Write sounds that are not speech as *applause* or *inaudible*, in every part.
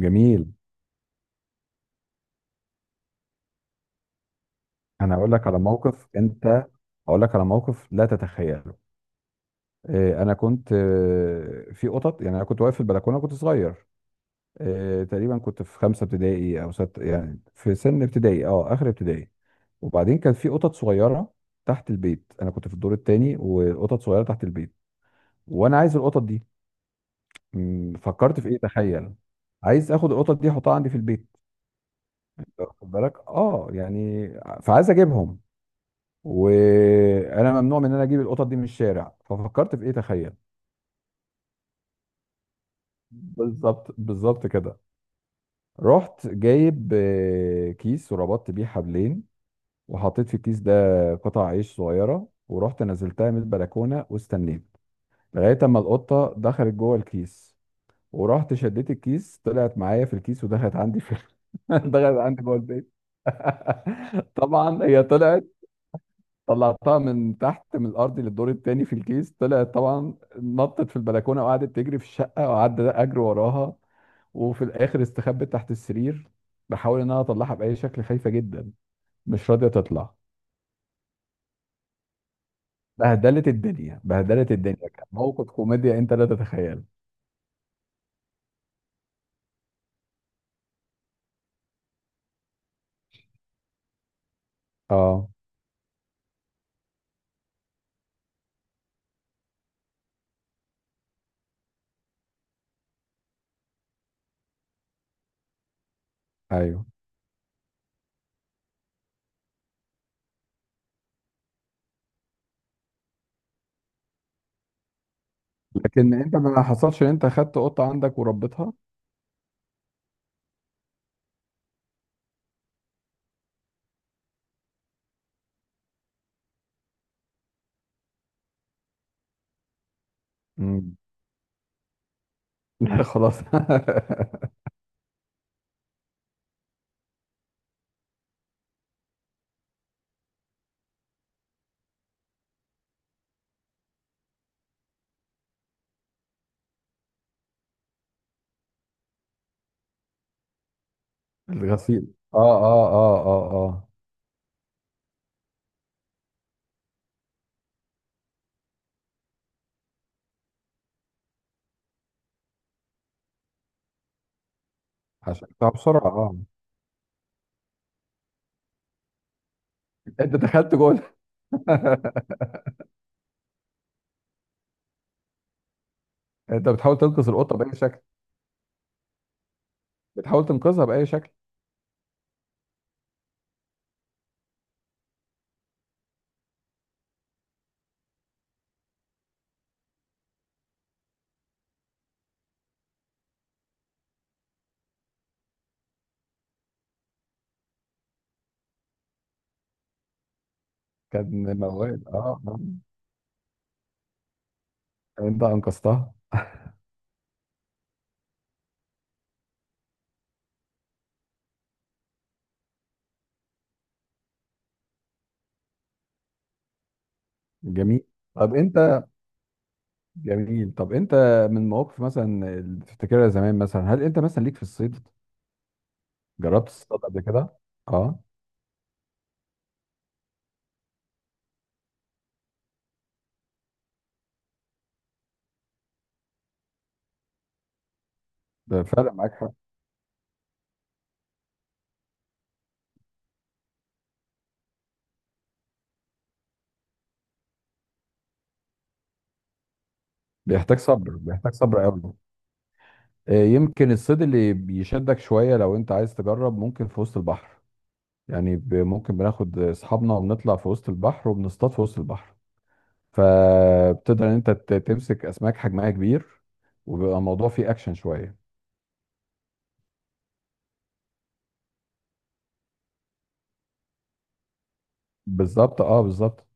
جميل. انا هقول لك على موقف، لا تتخيله. انا كنت في قطط، يعني انا كنت واقف في البلكونه، كنت صغير. تقريبا كنت في خمسه ابتدائي او ست، يعني في سن ابتدائي، اخر ابتدائي. وبعدين كان في قطط صغيره تحت البيت، انا كنت في الدور الثاني وقطط صغيره تحت البيت، وانا عايز القطط دي. فكرت في ايه تخيل؟ عايز اخد القطط دي احطها عندي في البيت، واخد بالك؟ فعايز اجيبهم، وانا ممنوع من ان انا اجيب القطط دي من الشارع. ففكرت في ايه تخيل؟ بالظبط بالظبط كده. رحت جايب كيس وربطت بيه حبلين، وحطيت في الكيس ده قطع عيش صغيره، ورحت نزلتها من البلكونه واستنيت لغايه اما القطه دخلت جوه الكيس، ورحت شديت الكيس، طلعت معايا في الكيس ودخلت عندي في… *laughs* دخلت عندي جوه البيت. *laughs* طبعا هي طلعت. طلعتها من تحت من الارض للدور التاني في الكيس، طلعت طبعا، نطت في البلكونه وقعدت تجري في الشقه، وقعدت اجري وراها، وفي الاخر استخبت تحت السرير. بحاول ان انا اطلعها باي شكل، خايفه جدا، مش راضيه تطلع. بهدلت الدنيا بهدلت الدنيا، كان موقف كوميديا انت لا تتخيل. اه، ايوه. لكن انت ما حصلش ان انت خدت قطه عندك وربيتها؟ امم. لا *laughs* خلاص. *laughs* الغسيل. اه اه اه اه اه. عشان بسرعه اه. انت دخلت جوه؟ *laughs* انت بتحاول تنقذ القطه باي شكل؟ بتحاول تنقذها باي شكل؟ كان موال اه. انت انقذتها. جميل. طب انت طب انت من مواقف مثلا اللي تفتكرها زمان، مثلا هل انت مثلا ليك في الصيد، جربت تصطاد قبل كده؟ اه. ده فعلا معاك حق. بيحتاج صبر، بيحتاج صبر قوي. يمكن الصيد اللي بيشدك شويه لو انت عايز تجرب ممكن في وسط البحر، ممكن بناخد اصحابنا وبنطلع في وسط البحر وبنصطاد في وسط البحر، فبتقدر ان تمسك اسماك حجمها كبير، وبيبقى الموضوع فيه اكشن شويه. بالظبط اه بالظبط.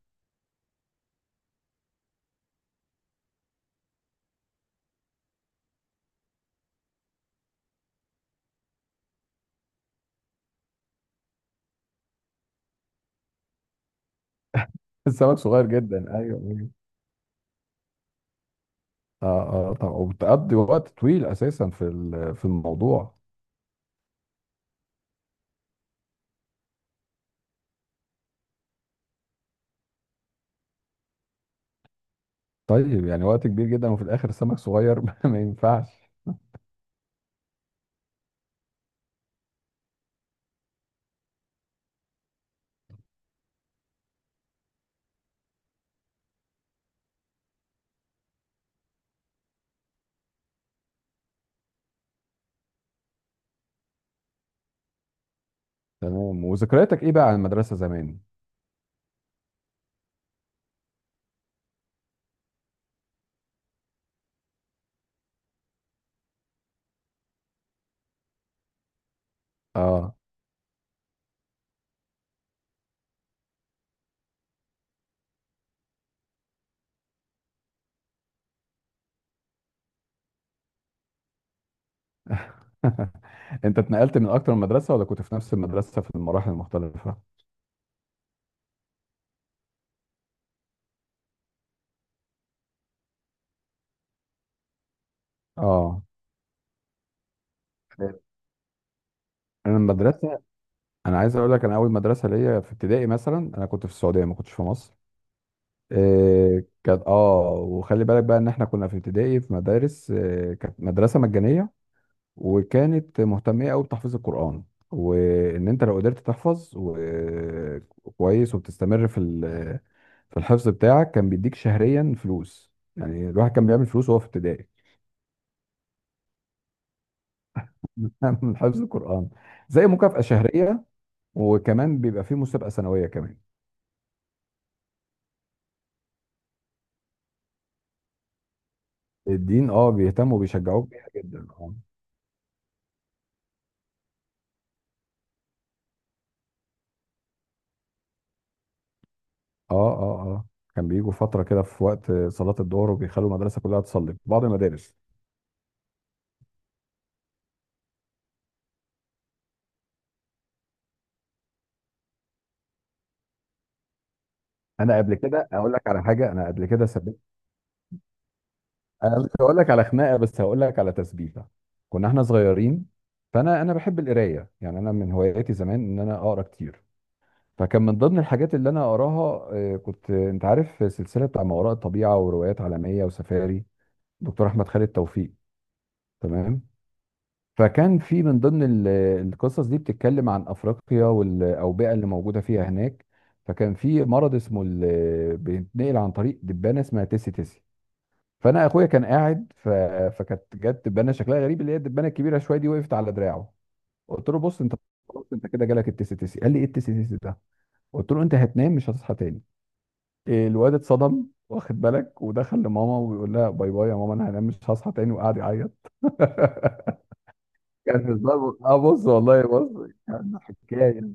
*laughs* السمك صغير جدا. ايوه ايوه. اه اه طبعا، وبتقضي وقت طويل اساسا في الموضوع. طيب يعني وقت كبير جدا وفي الاخر السمك صغير، *laughs* ما ينفعش. تمام. وذكرياتك ايه بقى عن المدرسه زمان؟ اه. *laughs* انت اتنقلت من اكتر من مدرسه ولا كنت في نفس المدرسه في المراحل المختلفه؟ اه. انا المدرسه انا عايز اقول لك، انا اول مدرسه ليا في ابتدائي مثلا انا كنت في السعوديه، ما كنتش في مصر. إيه كانت، اه، وخلي بالك بقى ان احنا كنا في ابتدائي في مدارس، إيه كانت مدرسه مجانيه، وكانت مهتميه قوي بتحفيظ القران. وان انت لو قدرت تحفظ و- كويس وبتستمر في الحفظ بتاعك، كان بيديك شهريا فلوس، يعني الواحد كان بيعمل فلوس وهو في ابتدائي. *laughs* من حفظ القران، زي مكافأة شهريه، وكمان بيبقى فيه مسابقه سنويه كمان. الدين اه، بيهتموا وبيشجعوك بيها جدا اه. اه اه اه. كان بيجوا فتره كده في وقت صلاه الظهر وبيخلوا المدرسه كلها تصلي في بعض المدارس. انا قبل كده اقول لك على حاجه، انا قبل كده سبت. انا مش هقول لك على خناقه بس هقول لك على تسبيحه. كنا احنا صغيرين، فانا بحب القرايه، يعني انا من هواياتي زمان ان انا اقرا كتير. فكان من ضمن الحاجات اللي انا اقراها، كنت، انت عارف، سلسله بتاع ما وراء الطبيعه وروايات عالميه وسفاري، دكتور احمد خالد توفيق. تمام. فكان في من ضمن القصص دي بتتكلم عن افريقيا والاوبئه اللي موجوده فيها هناك. فكان في مرض اسمه بيتنقل عن طريق دبانه اسمها تيسي تيسي. فانا اخويا كان قاعد ف… فكانت جت دبانه شكلها غريب، اللي هي الدبانه الكبيره شويه دي، وقفت على دراعه. قلت له بص انت، خلاص انت كده جالك التيسي تيسي. قال لي ايه التيسي تيسي ده؟ قلت له انت هتنام مش هتصحى تاني. الواد اتصدم، واخد بالك، ودخل لماما وبيقول لها باي باي يا ماما، انا هنام مش هصحى تاني، وقعد يعيط. *laughs* كان هزار، اه بص والله، بص كان حكايه.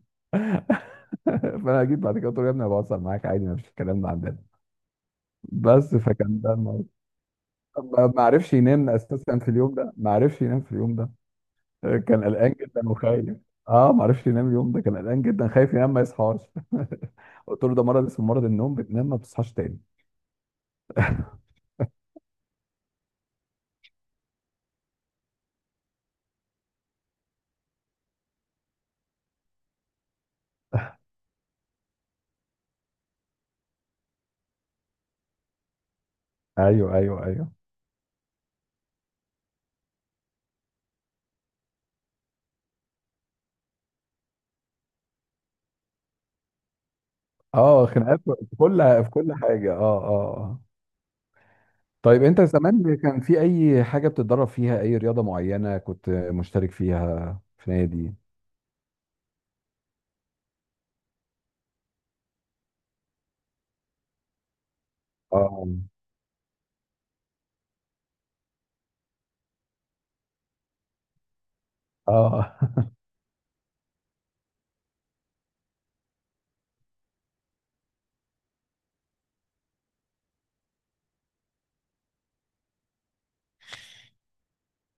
*laughs* فانا جيت بعد كده قلت له يا ابني أنا بهزر معاك عادي، ما فيش الكلام ده عندنا. بس فكان ده الموضوع. ما عرفش ينام اساسا في اليوم ده، ما عرفش ينام في اليوم ده، كان قلقان جدا وخايف. اه ما عرفش ينام اليوم ده، كان قلقان جدا، خايف ينام ما يصحاش. *laughs* قلت له ده مرض اسمه مرض النوم، بتنام ما بتصحاش تاني. ايوه ايوه ايوه. اه، خناقات في كل في كل حاجه اه اه آه. طيب انت زمان كان في اي حاجة بتتدرب فيها، اي رياضة معينة كنت مشترك فيها في نادي؟ اه. اه.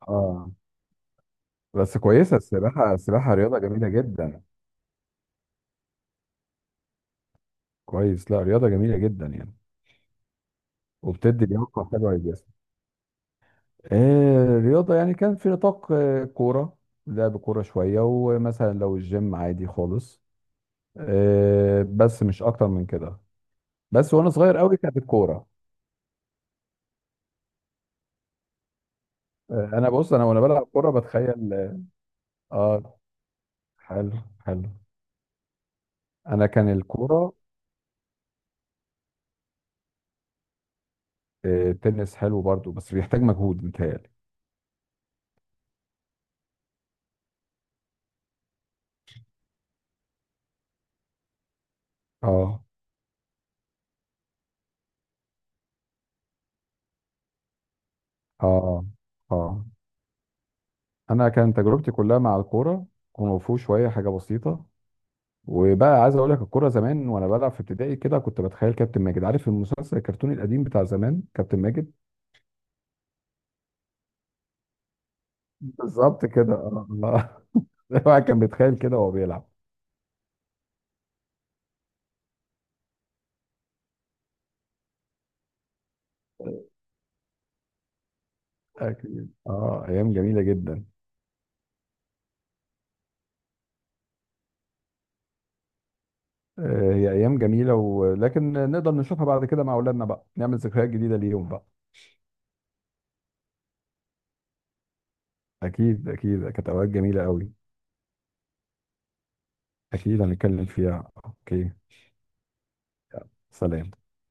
*laughs* اه. بس كويسة السباحة، السباحة رياضة جميلة جدا. كويس، لا رياضة جميلة جدا يعني، وبتدي لياقة حلوة للجسم. آه رياضة، يعني كان في نطاق آه كورة، لعب كورة شوية، ومثلا لو الجيم عادي خالص. آه، بس مش أكتر من كده. بس وأنا صغير قوي كانت الكورة. آه أنا بص، وأنا بلعب كورة بتخيل. آه. حلو. حلو. انا كان الكوره. التنس حلو برضو بس بيحتاج مجهود متهيألي. اه اه اه. انا كان تجربتي كلها مع الكوره، كونغ فو شويه حاجه بسيطه. وبقى عايز اقول لك، الكوره زمان وانا بلعب في ابتدائي كده كنت بتخيل كابتن ماجد، عارف المسلسل الكرتوني القديم بتاع زمان، كابتن ماجد. بالظبط كده اه آه. *laughs* الواحد كان بيتخيل كده وهو بيلعب. أكيد اه، ايام جميله جدا. هي ايام جميله، ولكن نقدر نشوفها بعد كده مع اولادنا بقى، نعمل ذكريات جديده ليهم بقى. اكيد اكيد، كانت اوقات جميله قوي. اكيد هنتكلم فيها، اوكي. سلام.